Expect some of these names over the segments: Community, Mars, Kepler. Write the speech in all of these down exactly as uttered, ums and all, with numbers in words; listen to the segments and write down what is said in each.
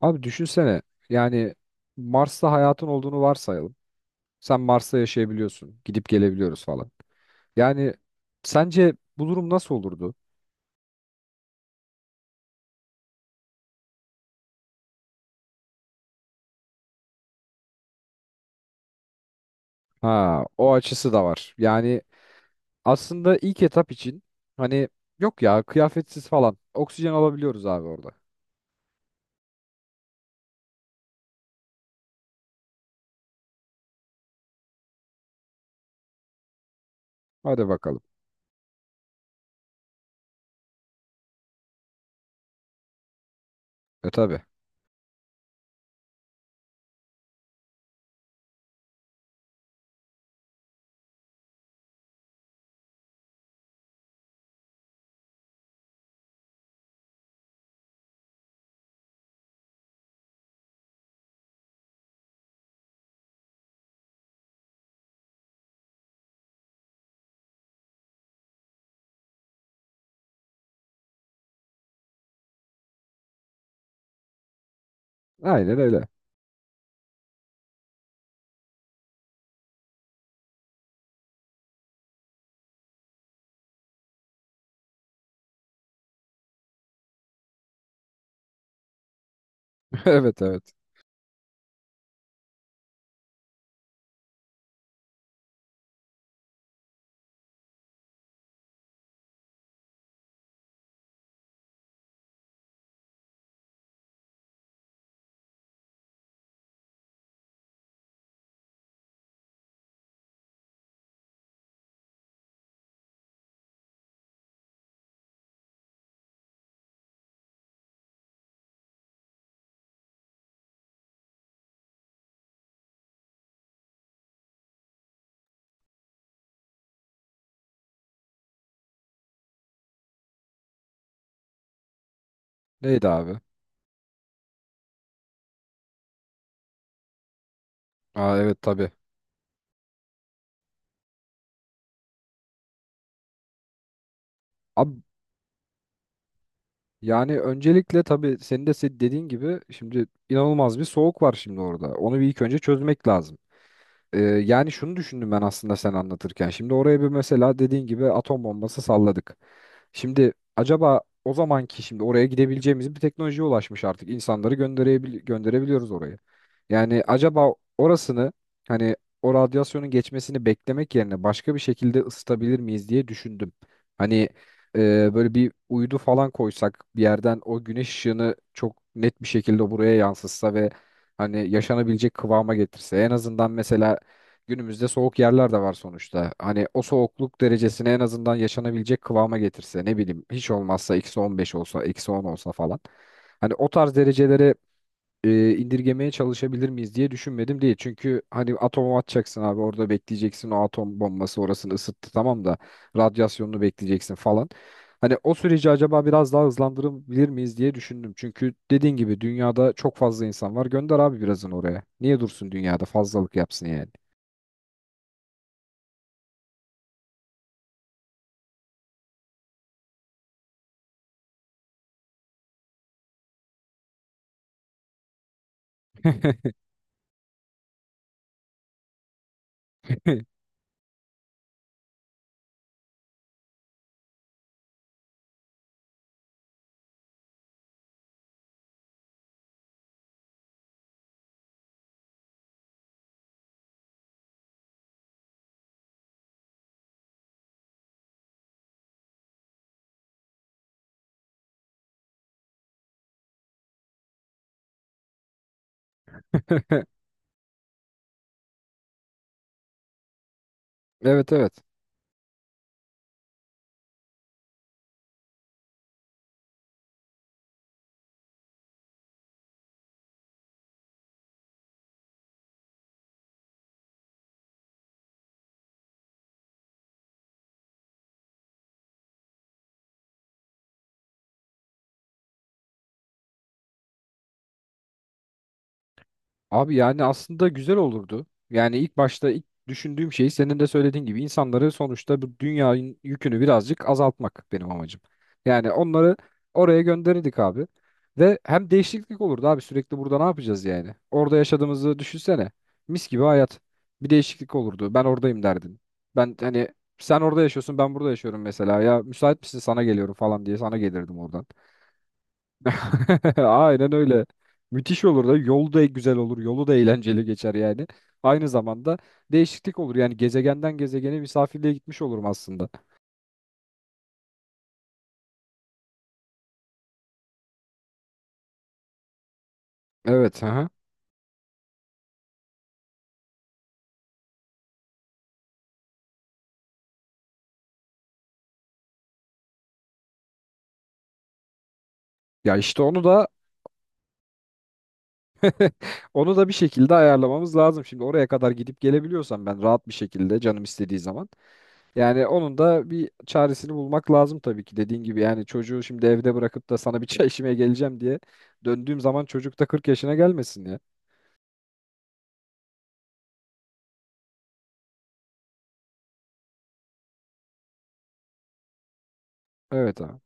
Abi düşünsene yani Mars'ta hayatın olduğunu varsayalım. Sen Mars'ta yaşayabiliyorsun. Gidip gelebiliyoruz falan. Yani sence bu durum nasıl olurdu? Ha, o açısı da var. Yani aslında ilk etap için hani yok ya, kıyafetsiz falan oksijen alabiliyoruz abi orada. Hadi bakalım. E tabi. Aynen öyle. Evet, evet. Neydi abi? Aa evet, tabi. Abi, yani öncelikle tabii senin de se- dediğin gibi şimdi inanılmaz bir soğuk var şimdi orada. Onu bir ilk önce çözmek lazım. Ee, yani şunu düşündüm ben aslında sen anlatırken. Şimdi oraya bir mesela dediğin gibi atom bombası salladık. Şimdi acaba o zamanki şimdi oraya gidebileceğimiz bir teknolojiye ulaşmış artık. İnsanları gönderebil gönderebiliyoruz oraya. Yani acaba orasını hani o radyasyonun geçmesini beklemek yerine başka bir şekilde ısıtabilir miyiz diye düşündüm. Hani e, böyle bir uydu falan koysak bir yerden o güneş ışığını çok net bir şekilde buraya yansıtsa ve hani yaşanabilecek kıvama getirse en azından mesela. Günümüzde soğuk yerler de var sonuçta. Hani o soğukluk derecesini en azından yaşanabilecek kıvama getirse ne bileyim hiç olmazsa eksi on beş olsa, eksi on olsa falan. Hani o tarz derecelere e, indirgemeye çalışabilir miyiz diye düşünmedim değil. Çünkü hani atomu atacaksın abi orada bekleyeceksin, o atom bombası orasını ısıttı tamam da radyasyonunu bekleyeceksin falan. Hani o süreci acaba biraz daha hızlandırabilir miyiz diye düşündüm. Çünkü dediğin gibi dünyada çok fazla insan var. Gönder abi birazını oraya. Niye dursun dünyada fazlalık yapsın yani. Evet, evet. Abi yani aslında güzel olurdu. Yani ilk başta ilk düşündüğüm şey senin de söylediğin gibi insanları sonuçta, bu dünyanın yükünü birazcık azaltmak benim amacım. Yani onları oraya gönderirdik abi. Ve hem değişiklik olurdu abi, sürekli burada ne yapacağız yani? Orada yaşadığımızı düşünsene. Mis gibi hayat. Bir değişiklik olurdu. Ben oradayım derdin. Ben hani sen orada yaşıyorsun ben burada yaşıyorum mesela. Ya müsait misin, sana geliyorum falan diye sana gelirdim oradan. Aynen öyle. Müthiş olur da yolu da güzel olur. Yolu da eğlenceli geçer yani. Aynı zamanda değişiklik olur. Yani gezegenden gezegene misafirliğe gitmiş olurum aslında. Evet. Aha. Ya işte onu da onu da bir şekilde ayarlamamız lazım. Şimdi oraya kadar gidip gelebiliyorsam ben rahat bir şekilde canım istediği zaman. Yani onun da bir çaresini bulmak lazım tabii ki. Dediğin gibi yani çocuğu şimdi evde bırakıp da sana bir çay içmeye geleceğim diye döndüğüm zaman çocuk da kırk yaşına gelmesin ya. Evet, ha.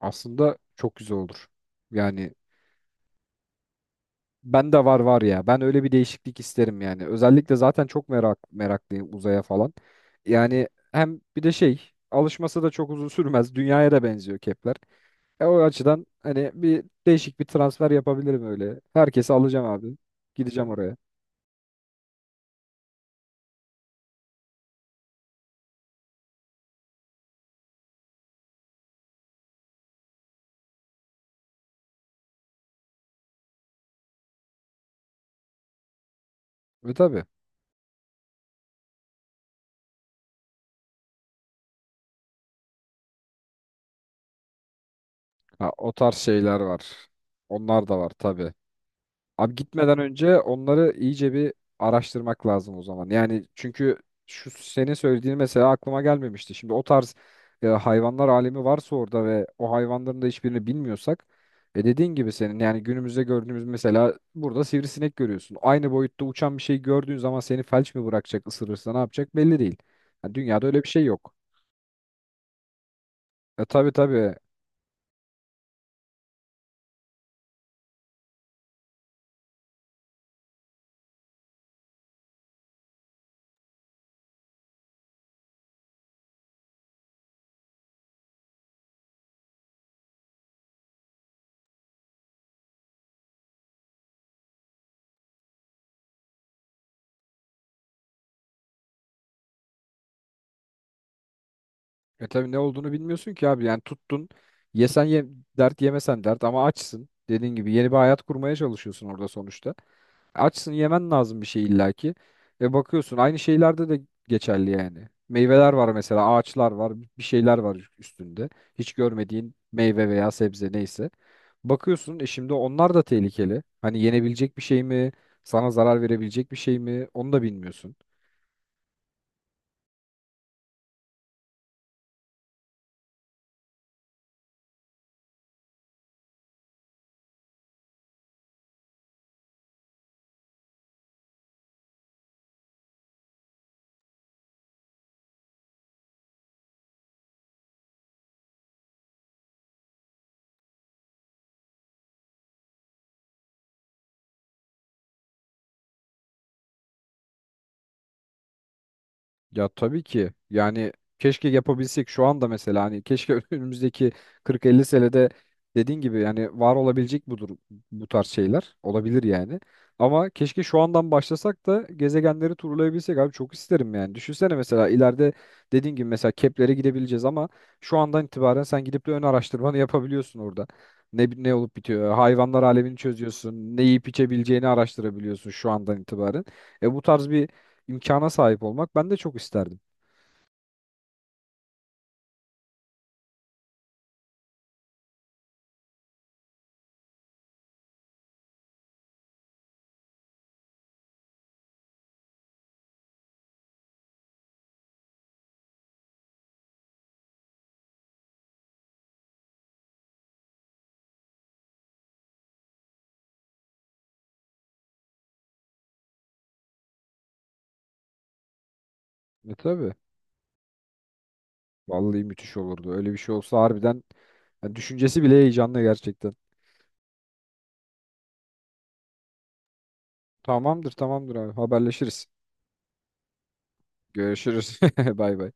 Aslında çok güzel olur. Yani ben de var var ya. Ben öyle bir değişiklik isterim yani. Özellikle zaten çok merak meraklıyım uzaya falan. Yani hem bir de şey, alışması da çok uzun sürmez. Dünyaya da benziyor Kepler. E, o açıdan hani bir değişik bir transfer yapabilirim öyle. Herkesi alacağım abi. Gideceğim oraya. Ve tabii. Ha, o tarz şeyler var. Onlar da var tabii. Abi gitmeden önce onları iyice bir araştırmak lazım o zaman. Yani çünkü şu senin söylediğin mesela aklıma gelmemişti. Şimdi o tarz e, hayvanlar alemi varsa orada ve o hayvanların da hiçbirini bilmiyorsak, e dediğin gibi senin yani günümüzde gördüğümüz mesela burada sivrisinek görüyorsun. Aynı boyutta uçan bir şey gördüğün zaman seni felç mi bırakacak, ısırırsa ne yapacak belli değil. Yani dünyada öyle bir şey yok. E tabii, tabii. E tabii ne olduğunu bilmiyorsun ki abi. Yani tuttun. Yesen ye, dert; yemesen dert ama açsın. Dediğin gibi yeni bir hayat kurmaya çalışıyorsun orada sonuçta. Açsın, yemen lazım bir şey illaki. Ve bakıyorsun aynı şeylerde de geçerli yani. Meyveler var mesela, ağaçlar var, bir şeyler var üstünde. Hiç görmediğin meyve veya sebze neyse. Bakıyorsun e şimdi onlar da tehlikeli. Hani yenebilecek bir şey mi? Sana zarar verebilecek bir şey mi? Onu da bilmiyorsun. Ya tabii ki. Yani keşke yapabilsek şu anda, mesela hani keşke önümüzdeki kırk elli senede dediğin gibi yani var olabilecek budur, bu tarz şeyler. Olabilir yani. Ama keşke şu andan başlasak da gezegenleri turlayabilsek abi, çok isterim yani. Düşünsene mesela ileride dediğin gibi mesela Kepler'e gidebileceğiz ama şu andan itibaren sen gidip de ön araştırmanı yapabiliyorsun orada. Ne ne olup bitiyor? Hayvanlar alemini çözüyorsun. Ne yiyip içebileceğini araştırabiliyorsun şu andan itibaren. E bu tarz bir imkana sahip olmak ben de çok isterdim. E tabii. Vallahi müthiş olurdu. Öyle bir şey olsa harbiden yani düşüncesi bile heyecanlı gerçekten. Tamamdır, tamamdır abi, haberleşiriz. Görüşürüz. Bay bay.